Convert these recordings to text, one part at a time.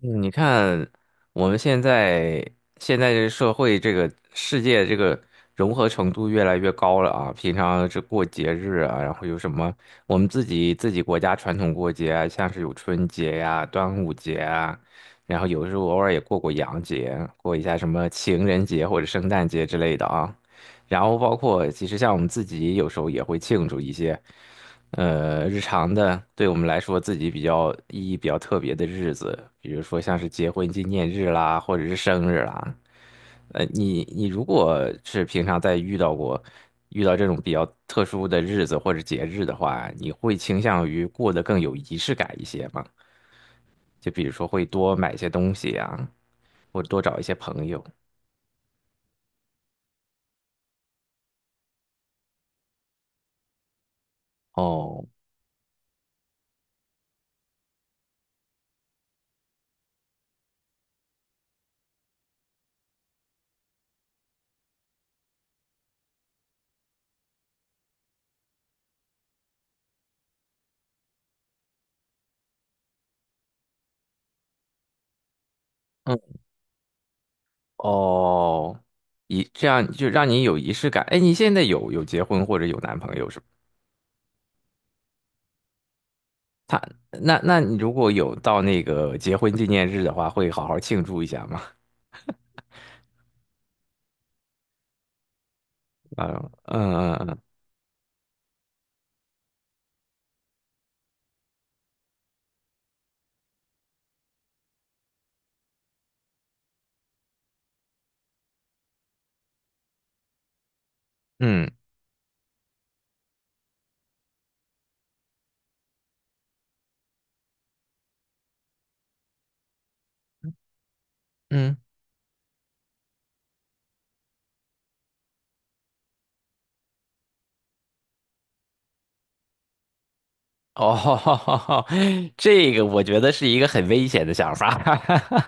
你看，我们现在这社会，这个世界这个融合程度越来越高了啊！平常这过节日啊，然后有什么我们自己国家传统过节啊，像是有春节呀、端午节啊，然后有时候偶尔也过过洋节，过一下什么情人节或者圣诞节之类的啊。然后包括其实像我们自己有时候也会庆祝一些。日常的，对我们来说自己比较意义比较特别的日子，比如说像是结婚纪念日啦，或者是生日啦。你如果是平常在遇到这种比较特殊的日子或者节日的话，你会倾向于过得更有仪式感一些吗？就比如说会多买一些东西啊，或者多找一些朋友。哦，嗯，哦，这样就让你有仪式感。哎，你现在有结婚或者有男朋友是吗？他那你如果有到那个结婚纪念日的话，会好好庆祝一下吗？啊、嗯嗯嗯嗯嗯。哦，这个我觉得是一个很危险的想法。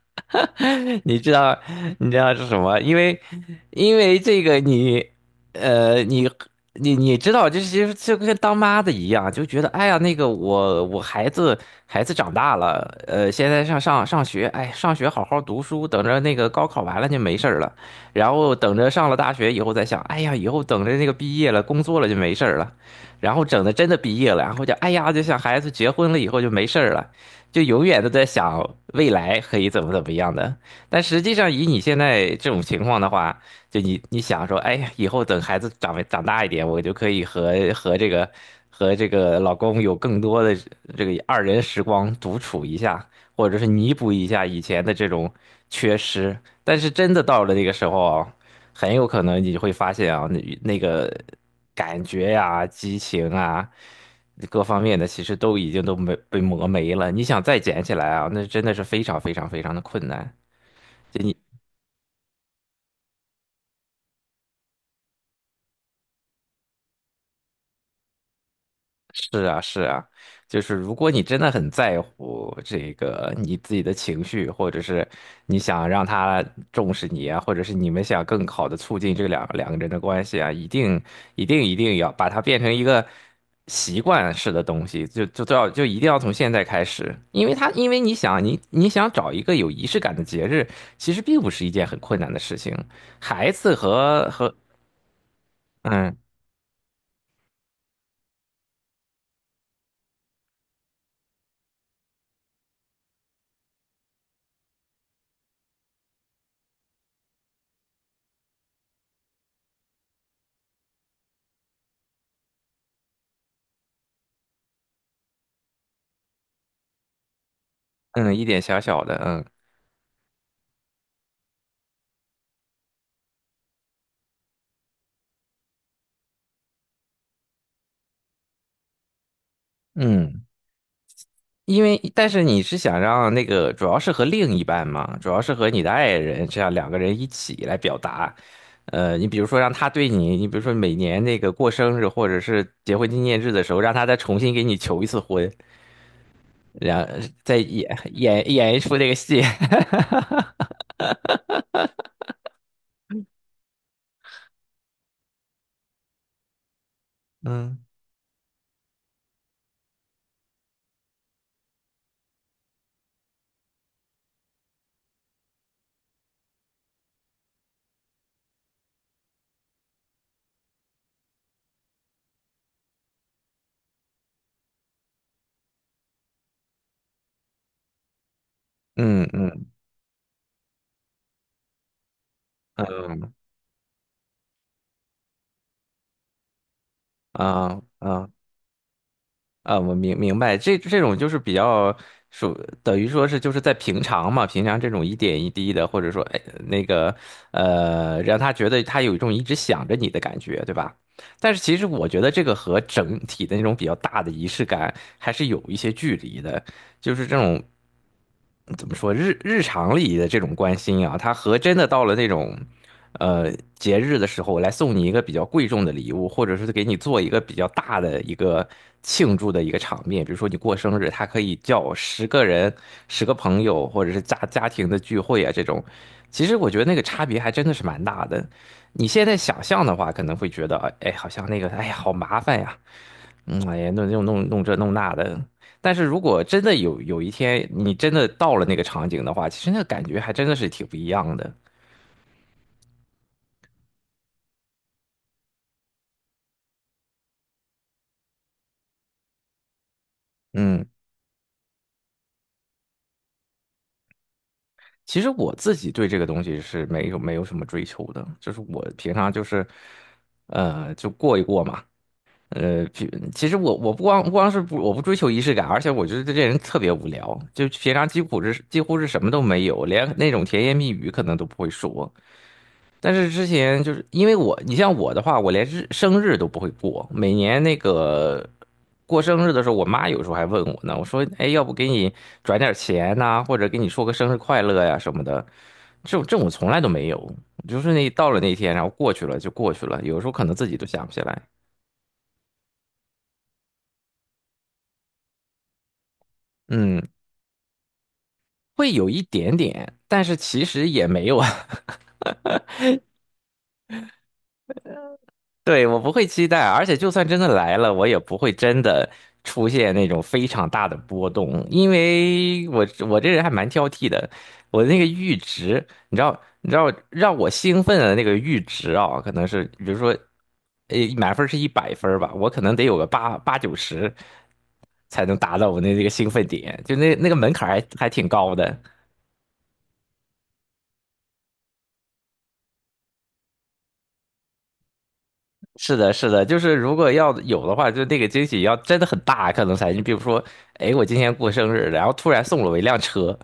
你知道，你知道是什么？因为这个你，呃，你，你知道，就是就跟当妈的一样，就觉得，哎呀，那个我孩子长大了，现在上学，哎，上学好好读书，等着那个高考完了就没事儿了，然后等着上了大学以后再想，哎呀，以后等着那个毕业了，工作了就没事儿了。然后整的真的毕业了，然后就哎呀，就想孩子结婚了以后就没事儿了，就永远都在想未来可以怎么怎么样的。但实际上，以你现在这种情况的话，就你想说，哎呀，以后等孩子长大一点，我就可以和这个老公有更多的这个二人时光独处一下，或者是弥补一下以前的这种缺失。但是真的到了那个时候啊，很有可能你会发现啊，那个感觉呀、激情啊，各方面的其实都已经都没被磨没了。你想再捡起来啊，那真的是非常非常非常的困难。就你。是啊，是啊，就是如果你真的很在乎这个你自己的情绪，或者是你想让他重视你啊，或者是你们想更好的促进这两个人的关系啊，一定一定一定要把它变成一个习惯式的东西，就都要就一定要从现在开始，因为你想找一个有仪式感的节日，其实并不是一件很困难的事情，孩子和和嗯嗯一点小小的嗯嗯。因为但是你是想让那个主要是和另一半嘛，主要是和你的爱人，这样两个人一起来表达。你比如说让他对你，你比如说每年那个过生日或者是结婚纪念日的时候，让他再重新给你求一次婚，然后再演一出这个戏。嗯嗯嗯嗯嗯啊啊啊，我明白，这种就是比较属，等于说是就是在平常嘛，平常这种一点一滴的，或者说哎那个让他觉得他有一种一直想着你的感觉，对吧？但是其实我觉得这个和整体的那种比较大的仪式感还是有一些距离的，就是这种怎么说日常里的这种关心啊，它和真的到了那种节日的时候来送你一个比较贵重的礼物，或者是给你做一个比较大的一个庆祝的一个场面，比如说你过生日，他可以叫10个人、10个朋友，或者是家庭的聚会啊这种，其实我觉得那个差别还真的是蛮大的。你现在想象的话，可能会觉得，哎，哎好像那个，哎呀，好麻烦呀，嗯，哎呀，弄这弄那的。但是如果真的有一天你真的到了那个场景的话，其实那个感觉还真的是挺不一样的。嗯，其实我自己对这个东西是没有什么追求的，就是我平常就是，就过一过嘛。其实我不光不光是不我不追求仪式感，而且我觉得这人特别无聊，就平常几乎是什么都没有，连那种甜言蜜语可能都不会说。但是之前就是因为我，你像我的话，我连生日都不会过。每年那个过生日的时候，我妈有时候还问我呢，我说：“哎，要不给你转点钱呐、或者给你说个生日快乐呀什么的。”这种从来都没有，就是那到了那天啊，然后过去了就过去了。有时候可能自己都想不起来，嗯，会有一点点，但是其实也没有啊。对，我不会期待，而且就算真的来了，我也不会真的出现那种非常大的波动，因为我这人还蛮挑剔的，我那个阈值，你知道，让我兴奋的那个阈值啊，可能是比如说，满分是100分儿吧，我可能得有个八九十才能达到这个兴奋点，就那个门槛儿还挺高的。是的，是的，就是如果要有的话，就那个惊喜要真的很大，可能才。你比如说，哎，我今天过生日，然后突然送了我一辆车，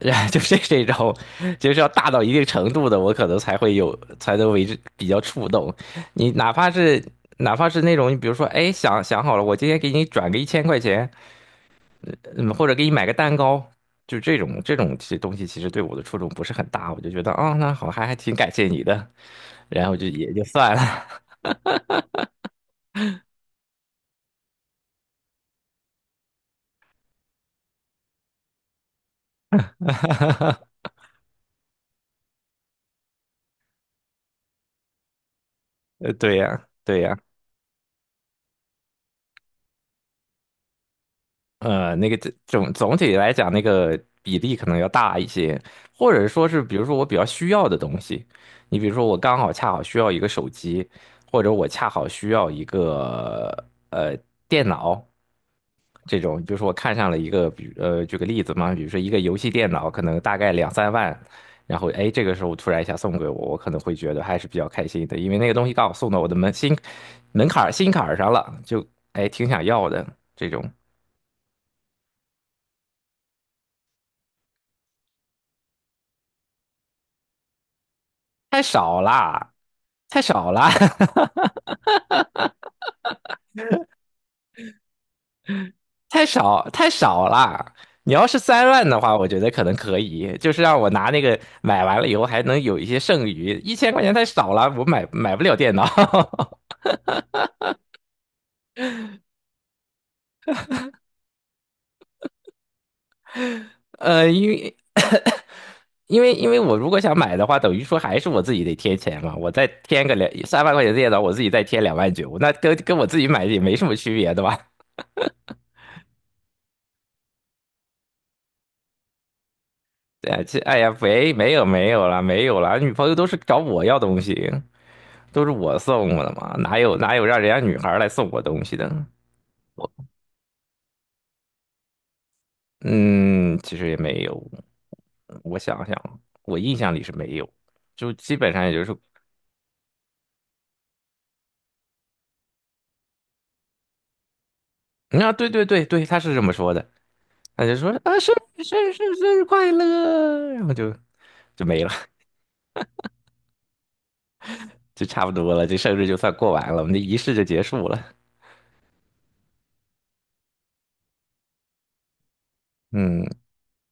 然后就是这种，就是要大到一定程度的，我可能才会有，才能为之比较触动。你哪怕是那种，你比如说，哎，想想好了，我今天给你转个一千块钱，嗯，或者给你买个蛋糕，就这种其实东西，其实对我的触动不是很大，我就觉得，哦，那好，还挺感谢你的，然后就也就算了。对呀，对呀，那个总体来讲，那个比例可能要大一些，或者说是，比如说我比较需要的东西，你比如说我恰好需要一个手机，或者我恰好需要一个呃电脑这种，比如说我看上了一个，比如举个例子嘛，比如说一个游戏电脑，可能大概两三万，然后哎这个时候突然一下送给我，我可能会觉得还是比较开心的，因为那个东西刚好送到我的门心门槛儿心坎儿上了，就哎挺想要的这种。太少啦，太少啦，太少太少啦。你要是三万的话，我觉得可能可以，就是让我拿那个买完了以后还能有一些剩余。一千块钱太少了，我买不了电脑。呃，因为因为我如果想买的话，等于说还是我自己得贴钱嘛，我再添个2、3万块钱的电脑，我自己再贴2万9，那跟我自己买也没什么区别，对吧？对啊，这哎呀，没有了，没有了，女朋友都是找我要东西。都是我送我的嘛，哪有让人家女孩儿来送我东西的？嗯，其实也没有。我想想，我印象里是没有，就基本上也就是，啊，对对对对，他是这么说的，他就说啊，生日快乐，然后就没了，就差不多了，这生日就算过完了，我们的仪式就结束了。嗯，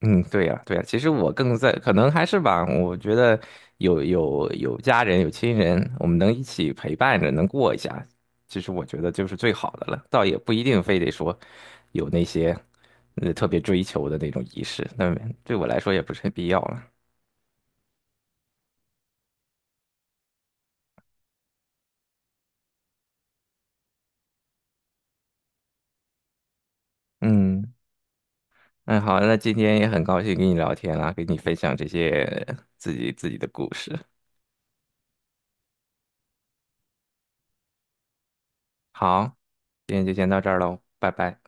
嗯，对呀，对呀，其实我更在，可能还是吧，我觉得有家人有亲人，我们能一起陪伴着，能过一下，其实我觉得就是最好的了，倒也不一定非得说有那些特别追求的那种仪式，那对我来说也不是很必要了。嗯，那好，那今天也很高兴跟你聊天啦，跟你分享这些自己的故事。好，今天就先到这儿喽，拜拜。